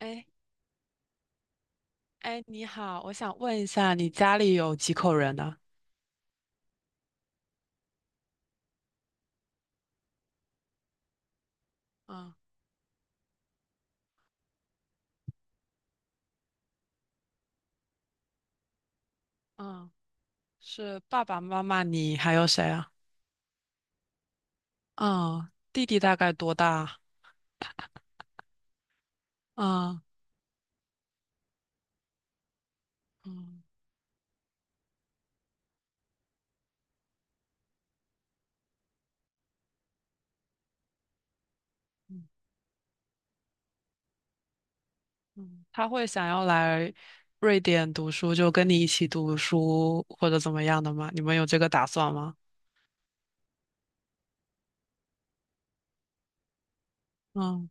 哎哎，你好，我想问一下，你家里有几口人呢？嗯嗯，是爸爸妈妈，你还有谁啊？嗯，弟弟大概多大？嗯嗯嗯嗯。他会想要来瑞典读书，就跟你一起读书或者怎么样的吗？你们有这个打算吗？嗯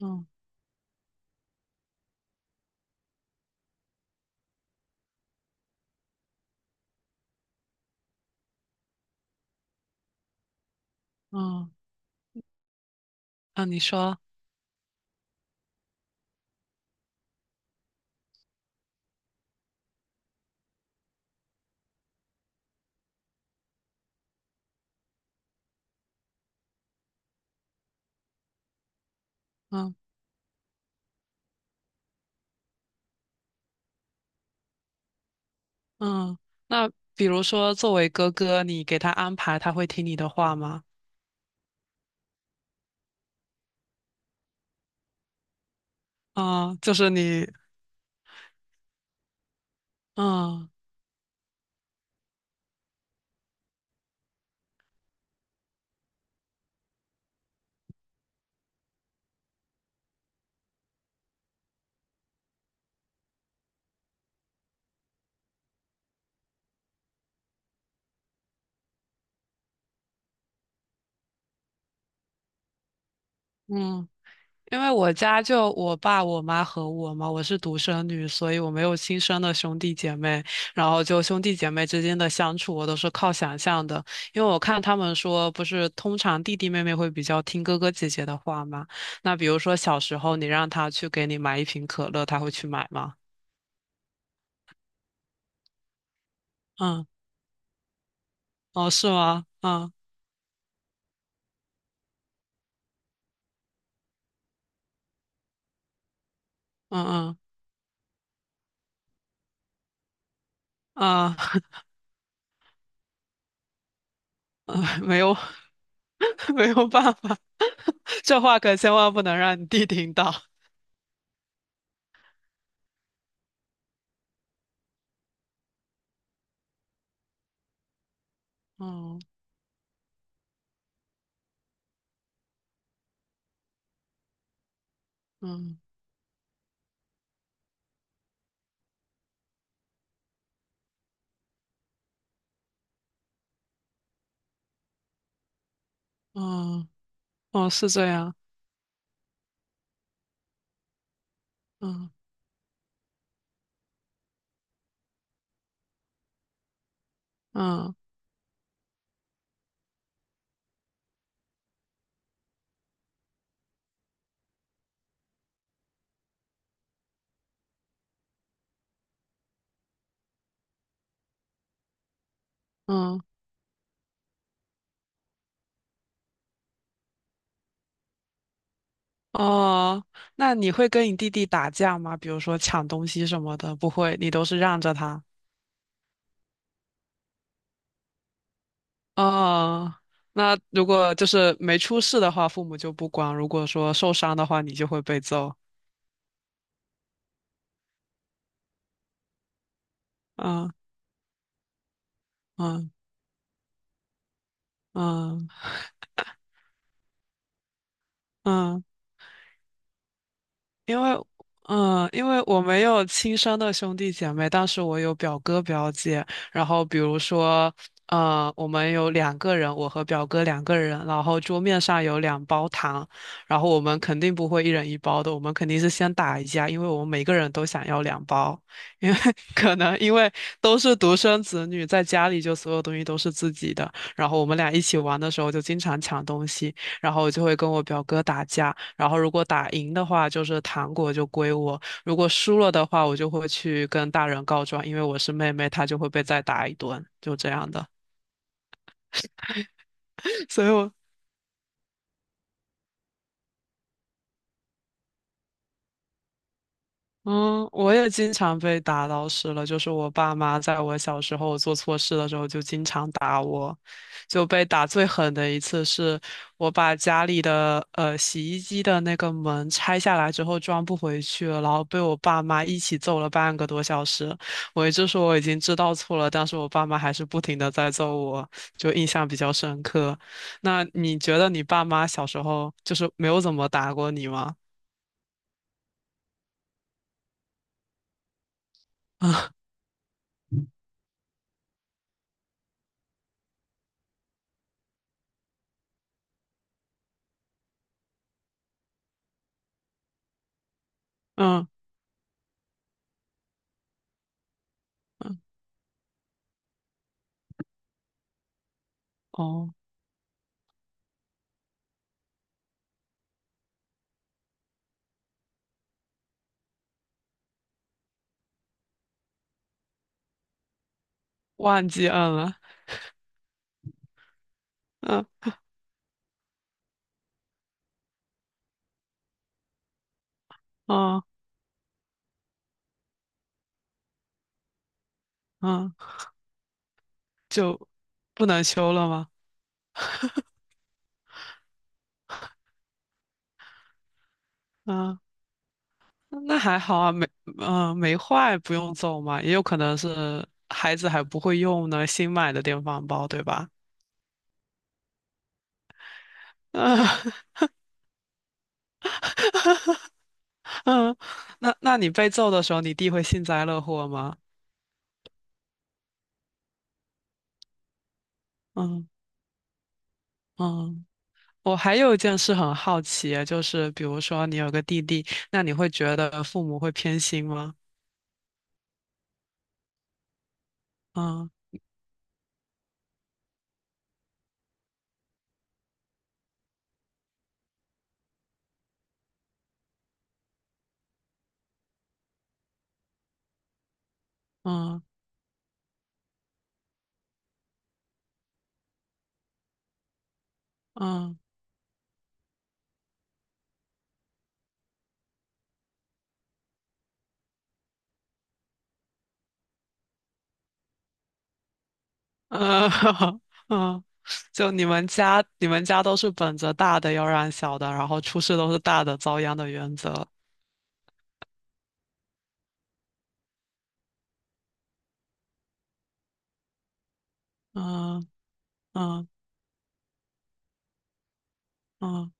嗯嗯嗯，你说。嗯嗯。那比如说作为哥哥，你给他安排，他会听你的话吗？嗯，就是你。嗯。嗯因为我家就我爸、我妈和我嘛，我是独生女，所以我没有亲生的兄弟姐妹。然后就兄弟姐妹之间的相处，我都是靠想象的。因为我看他们说，不是通常弟弟妹妹会比较听哥哥姐姐的话嘛。那比如说小时候，你让他去给你买一瓶可乐，他会去买吗？嗯。哦，是吗？嗯嗯嗯啊。嗯，没有。 没有办法。这话可千万不能让你弟听到。嗯嗯嗯。哦，是这样。嗯嗯嗯。哦，那你会跟你弟弟打架吗？比如说抢东西什么的，不会，你都是让着他。哦，那如果就是没出事的话，父母就不管；如果说受伤的话，你就会被揍。嗯嗯嗯嗯。因为，因为我没有亲生的兄弟姐妹，但是我有表哥表姐。然后比如说，我们有两个人，我和表哥两个人，然后桌面上有两包糖，然后我们肯定不会一人一包的，我们肯定是先打一架，因为我们每个人都想要两包，因为 可能因为都是独生子女，在家里就所有东西都是自己的，然后我们俩一起玩的时候就经常抢东西。然后我就会跟我表哥打架，然后如果打赢的话，就是糖果就归我；如果输了的话，我就会去跟大人告状，因为我是妹妹，她就会被再打一顿，就这样的。所以我也经常被打老师了，就是我爸妈在我小时候做错事的时候就经常打我，就被打最狠的一次是我把家里的洗衣机的那个门拆下来之后装不回去了，然后被我爸妈一起揍了半个多小时。我一直说我已经知道错了，但是我爸妈还是不停的在揍我，就印象比较深刻。那你觉得你爸妈小时候就是没有怎么打过你吗？嗯嗯。哦，忘记摁了。嗯嗯嗯，就不能修了吗？嗯，那还好啊，没坏，不用揍嘛，也有可能是孩子还不会用呢，新买的电饭煲，对吧？嗯。 嗯，那你被揍的时候，你弟会幸灾乐祸吗？嗯嗯。我还有一件事很好奇啊，就是比如说你有个弟弟，那你会觉得父母会偏心吗？嗯嗯嗯。呃，嗯，就你们家都是本着大的要让小的，然后出事都是大的遭殃的原则。嗯嗯嗯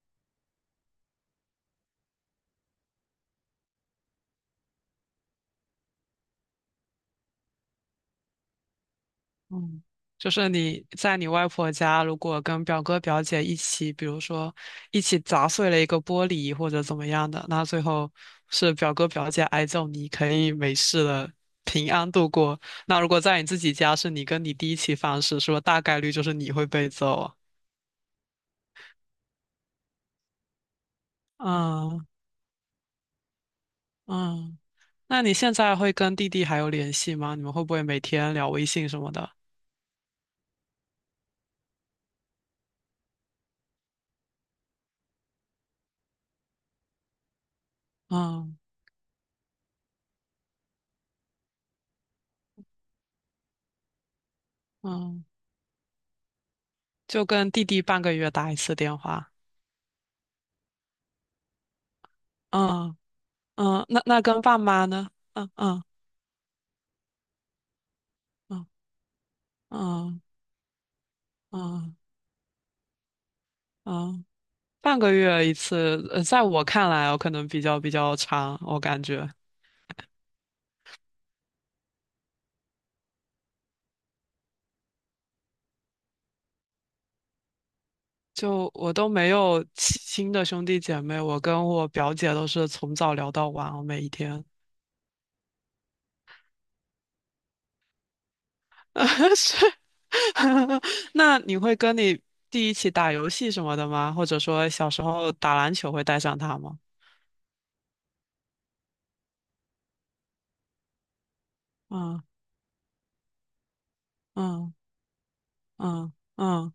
嗯，就是你在你外婆家，如果跟表哥表姐一起，比如说一起砸碎了一个玻璃或者怎么样的，那最后是表哥表姐挨揍，你可以没事的平安度过。那如果在你自己家，是你跟你弟一起犯事，是不是大概率就是你会被揍啊？嗯嗯。那你现在会跟弟弟还有联系吗？你们会不会每天聊微信什么的？嗯嗯，就跟弟弟半个月打一次电话。嗯嗯，那跟爸妈呢？嗯嗯嗯嗯嗯嗯，半个月一次。在我看来我可能比较长，我感觉。就我都没有亲亲的兄弟姐妹，我跟我表姐都是从早聊到晚哦，每一天。是。那你会跟你弟一起打游戏什么的吗？或者说小时候打篮球会带上他吗？嗯嗯嗯嗯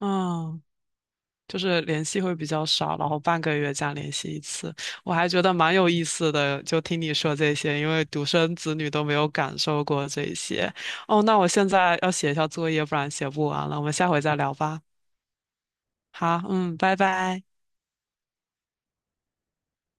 嗯，就是联系会比较少，然后半个月这样联系一次，我还觉得蛮有意思的。就听你说这些，因为独生子女都没有感受过这些。哦，那我现在要写一下作业，不然写不完了。我们下回再聊吧。好，嗯，拜拜。